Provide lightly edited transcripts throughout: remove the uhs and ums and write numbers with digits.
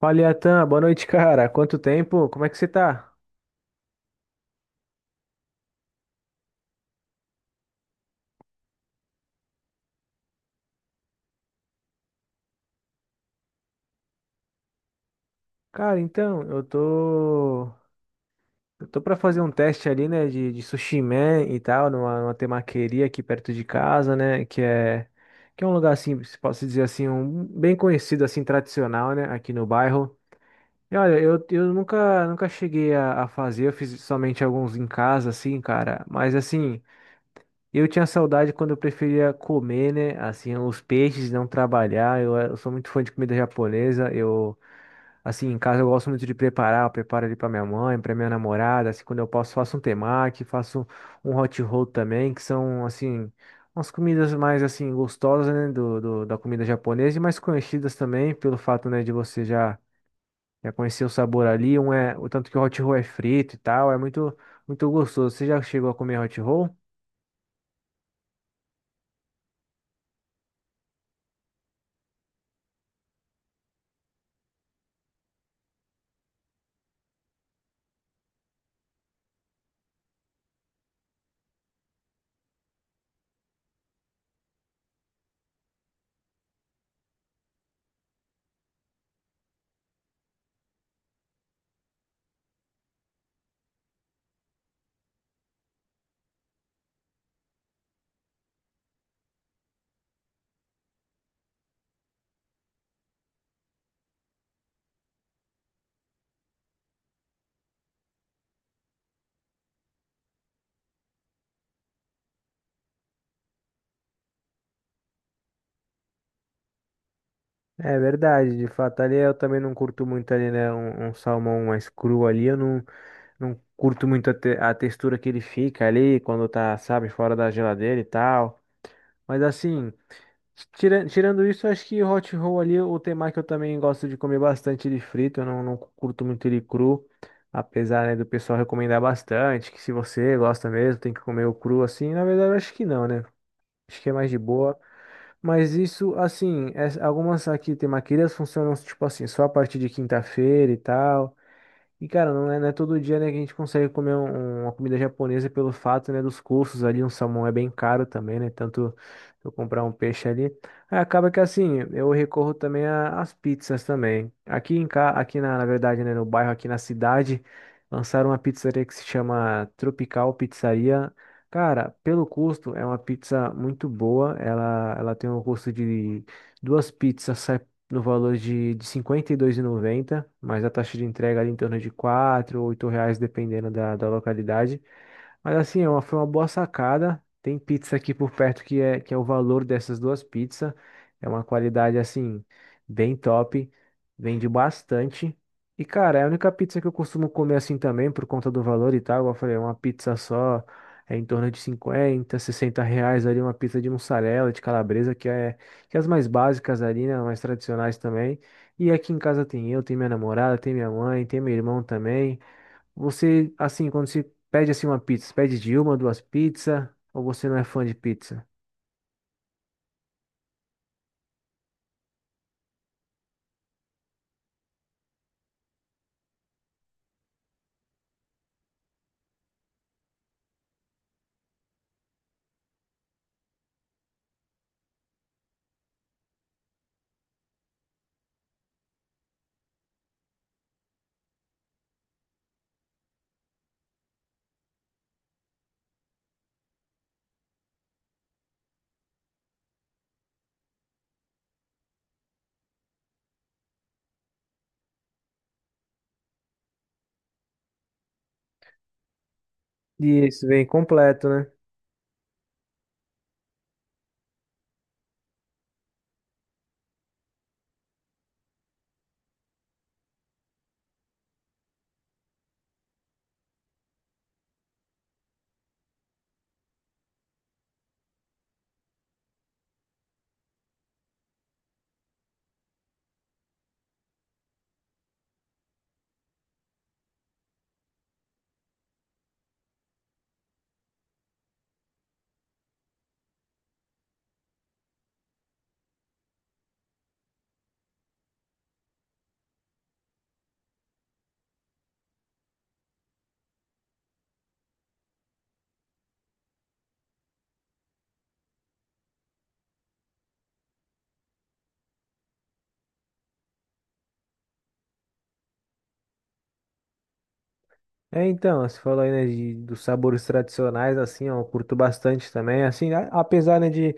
Fala, Iatan, boa noite, cara. Quanto tempo? Como é que você tá? Cara, então, eu tô pra fazer um teste ali, né, de sushi man e tal, numa temaqueria aqui perto de casa, né, que é. Que é um lugar, assim, se posso dizer assim, um, bem conhecido, assim, tradicional, né, aqui no bairro. E olha, eu nunca cheguei a fazer, eu fiz somente alguns em casa, assim, cara, mas assim. Eu tinha saudade quando eu preferia comer, né? Assim, os peixes, não trabalhar. Eu, eu sou muito fã de comida japonesa. Eu, assim, em casa eu gosto muito de preparar. Eu preparo ali para minha mãe, para minha namorada. Assim, quando eu posso, faço um temaki, faço um hot roll também, que são, assim, umas comidas mais, assim, gostosas, né? Da comida japonesa e mais conhecidas também, pelo fato, né, de você já, já conhecer o sabor ali. Um é, o tanto que o hot roll é frito e tal, é muito, muito gostoso. Você já chegou a comer hot roll? É verdade, de fato, ali eu também não curto muito ali, né, um salmão mais cru ali, eu não, não curto muito a textura que ele fica ali, quando tá, sabe, fora da geladeira e tal, mas assim, tirando isso, eu acho que hot roll ali, o temaki eu também gosto de comer bastante ele frito, eu não curto muito ele cru, apesar, né, do pessoal recomendar bastante, que se você gosta mesmo, tem que comer o cru assim, na verdade eu acho que não, né? Acho que é mais de boa. Mas isso, assim, algumas aqui tem maquilhas funcionam tipo assim, só a partir de quinta-feira e tal. E, cara, não é todo dia, né, que a gente consegue comer uma comida japonesa pelo fato, né, dos custos ali. Um salmão é bem caro também, né? Tanto eu comprar um peixe ali. Aí acaba que, assim, eu recorro também às pizzas também. Aqui em cá, aqui na verdade, né, no bairro, aqui na cidade, lançaram uma pizzaria que se chama Tropical Pizzaria. Cara, pelo custo, é uma pizza muito boa. Ela tem um custo de duas pizzas, no valor de 52,90, mas a taxa de entrega ali em torno de 4 ou 8 reais, dependendo da localidade. Mas assim, foi uma boa sacada. Tem pizza aqui por perto que é o valor dessas duas pizzas. É uma qualidade assim, bem top. Vende bastante. E cara, é a única pizza que eu costumo comer assim também, por conta do valor e tal. Igual eu falei, é uma pizza só é em torno de 50, 60 reais ali. Uma pizza de mussarela, de calabresa, que é as mais básicas ali, né? Mais tradicionais também. E aqui em casa tem eu, tem minha namorada, tem minha mãe, tem meu irmão também. Você, assim, quando você pede assim uma pizza, você pede de uma, duas pizzas, ou você não é fã de pizza? Isso, vem completo, né? É, então, você falou aí, né, dos sabores tradicionais, assim, ó, eu curto bastante também, assim, apesar, né, de.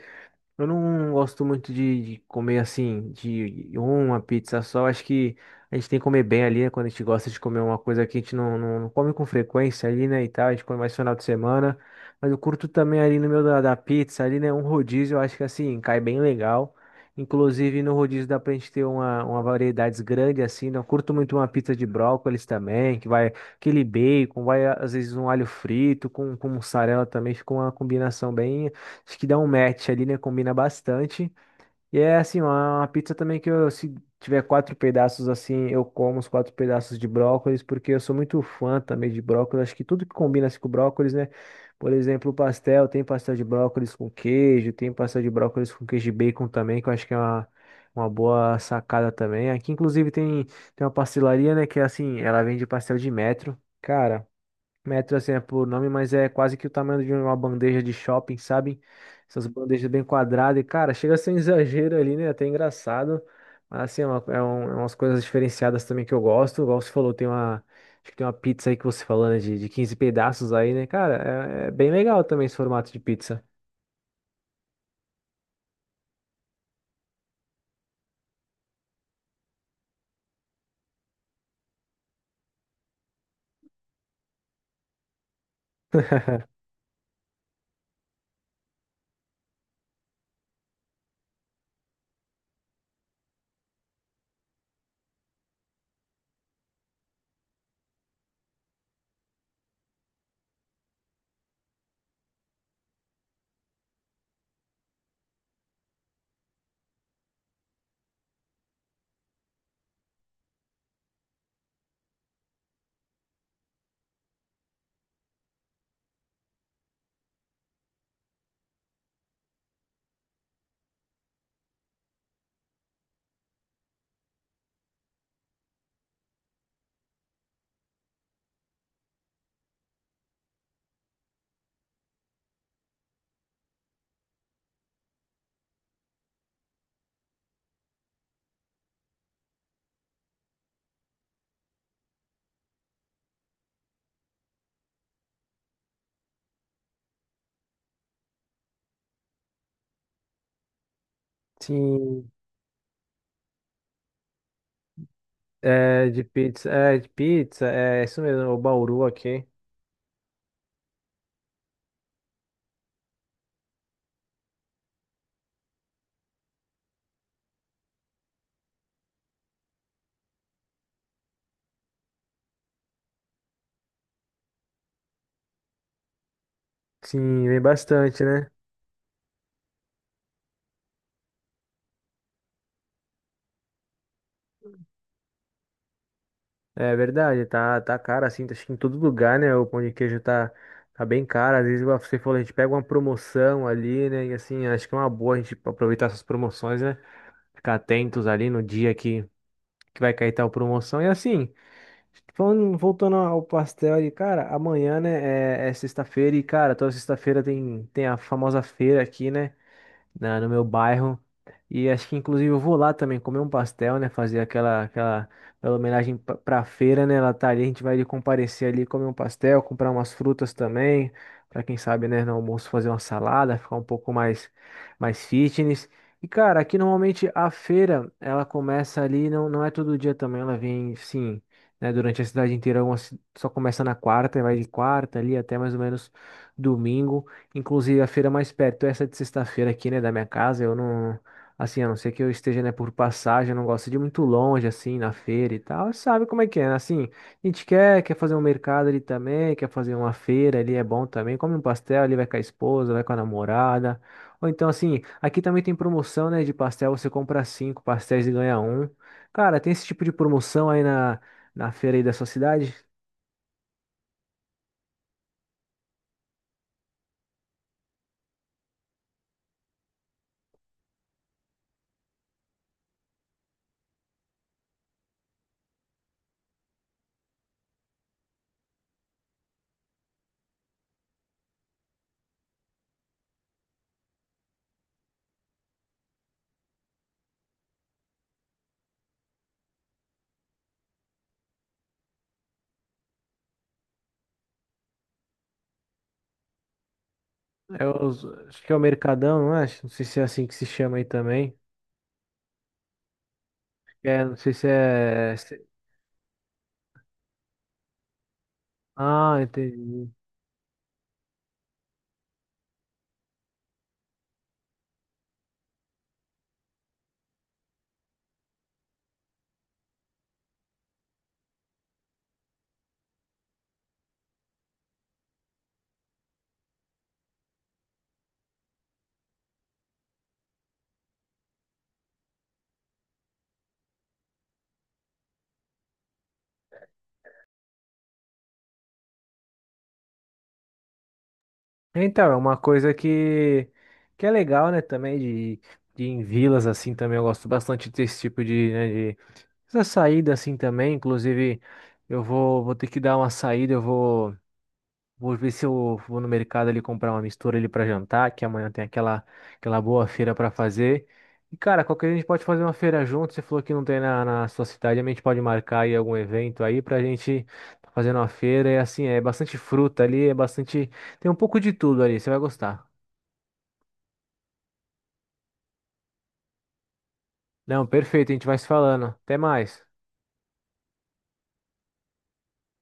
Eu não gosto muito de comer assim, de uma pizza só. Acho que a gente tem que comer bem ali, né? Quando a gente gosta de comer uma coisa que a gente não come com frequência ali, né? E tal, a gente come mais final de semana. Mas eu curto também ali no meio da pizza, ali, né? Um rodízio, eu acho que assim, cai bem legal. Inclusive no rodízio dá pra gente ter uma variedade grande assim, né? Eu curto muito uma pizza de brócolis também, que vai aquele bacon, vai às vezes um alho frito com mussarela também, fica uma combinação bem. Acho que dá um match ali, né? Combina bastante. E é assim, uma pizza também que eu, se tiver quatro pedaços assim, eu como os quatro pedaços de brócolis, porque eu sou muito fã também de brócolis. Acho que tudo que combina assim, com brócolis, né? Por exemplo, o pastel, tem pastel de brócolis com queijo, tem pastel de brócolis com queijo e bacon também, que eu acho que é uma boa sacada também. Aqui, inclusive, tem uma pastelaria, né? Que é assim, ela vende pastel de metro. Cara. Metro, assim, é por nome, mas é quase que o tamanho de uma bandeja de shopping, sabe? Essas bandejas bem quadradas. E, cara, chega a ser um exagero ali, né? Até engraçado. Mas, assim, é umas coisas diferenciadas também que eu gosto. Igual você falou, tem uma... Acho que tem uma pizza aí que você falou, né? De 15 pedaços aí, né? Cara, é bem legal também esse formato de pizza. Sim, é de pizza. É de pizza. É isso mesmo, o Bauru aqui. Sim, vem bastante, né? É verdade, tá caro assim, acho que em todo lugar, né? O pão de queijo tá bem caro. Às vezes, igual você falou, a gente pega uma promoção ali, né? E assim, acho que é uma boa a gente aproveitar essas promoções, né? Ficar atentos ali no dia que vai cair tal promoção. E assim, falando, voltando ao pastel ali, cara, amanhã, né? É sexta-feira e, cara, toda sexta-feira tem a famosa feira aqui, né? No meu bairro. E acho que inclusive eu vou lá também comer um pastel, né? Fazer aquela homenagem pra feira, né? Ela tá ali, a gente vai ali comparecer ali, comer um pastel, comprar umas frutas também. Pra quem sabe, né, no almoço fazer uma salada, ficar um pouco mais fitness. E, cara, aqui normalmente a feira, ela começa ali, não, não é todo dia também, ela vem, sim, né, durante a cidade inteira, só começa na quarta, e vai de quarta ali até mais ou menos domingo. Inclusive, a feira mais perto, é essa de sexta-feira aqui, né, da minha casa, eu não. Assim, a não ser que eu esteja, né, por passagem, eu não gosto de ir muito longe, assim, na feira e tal. Sabe como é que é, né? Assim, a gente quer fazer um mercado ali também, quer fazer uma feira ali, é bom também. Come um pastel ali, vai com a esposa, vai com a namorada. Ou então, assim, aqui também tem promoção, né, de pastel, você compra cinco pastéis e ganha um. Cara, tem esse tipo de promoção aí na feira aí da sua cidade? É os- acho que é o Mercadão, não é? Não sei se é assim que se chama aí também. É, não sei se é. Ah, entendi. Então, é uma coisa que é legal, né, também, de ir em vilas, assim, também eu gosto bastante desse tipo de, né, de essa saída, assim, também, inclusive, eu vou, vou ter que dar uma saída, vou ver se eu vou no mercado ali comprar uma mistura ali para jantar, que amanhã tem aquela boa feira para fazer. E cara, qualquer dia a gente pode fazer uma feira junto. Você falou que não tem na sua cidade, a gente pode marcar aí algum evento aí pra gente tá fazendo uma feira. E assim, é bastante fruta ali, é bastante. Tem um pouco de tudo ali, você vai gostar. Não, perfeito, a gente vai se falando. Até mais.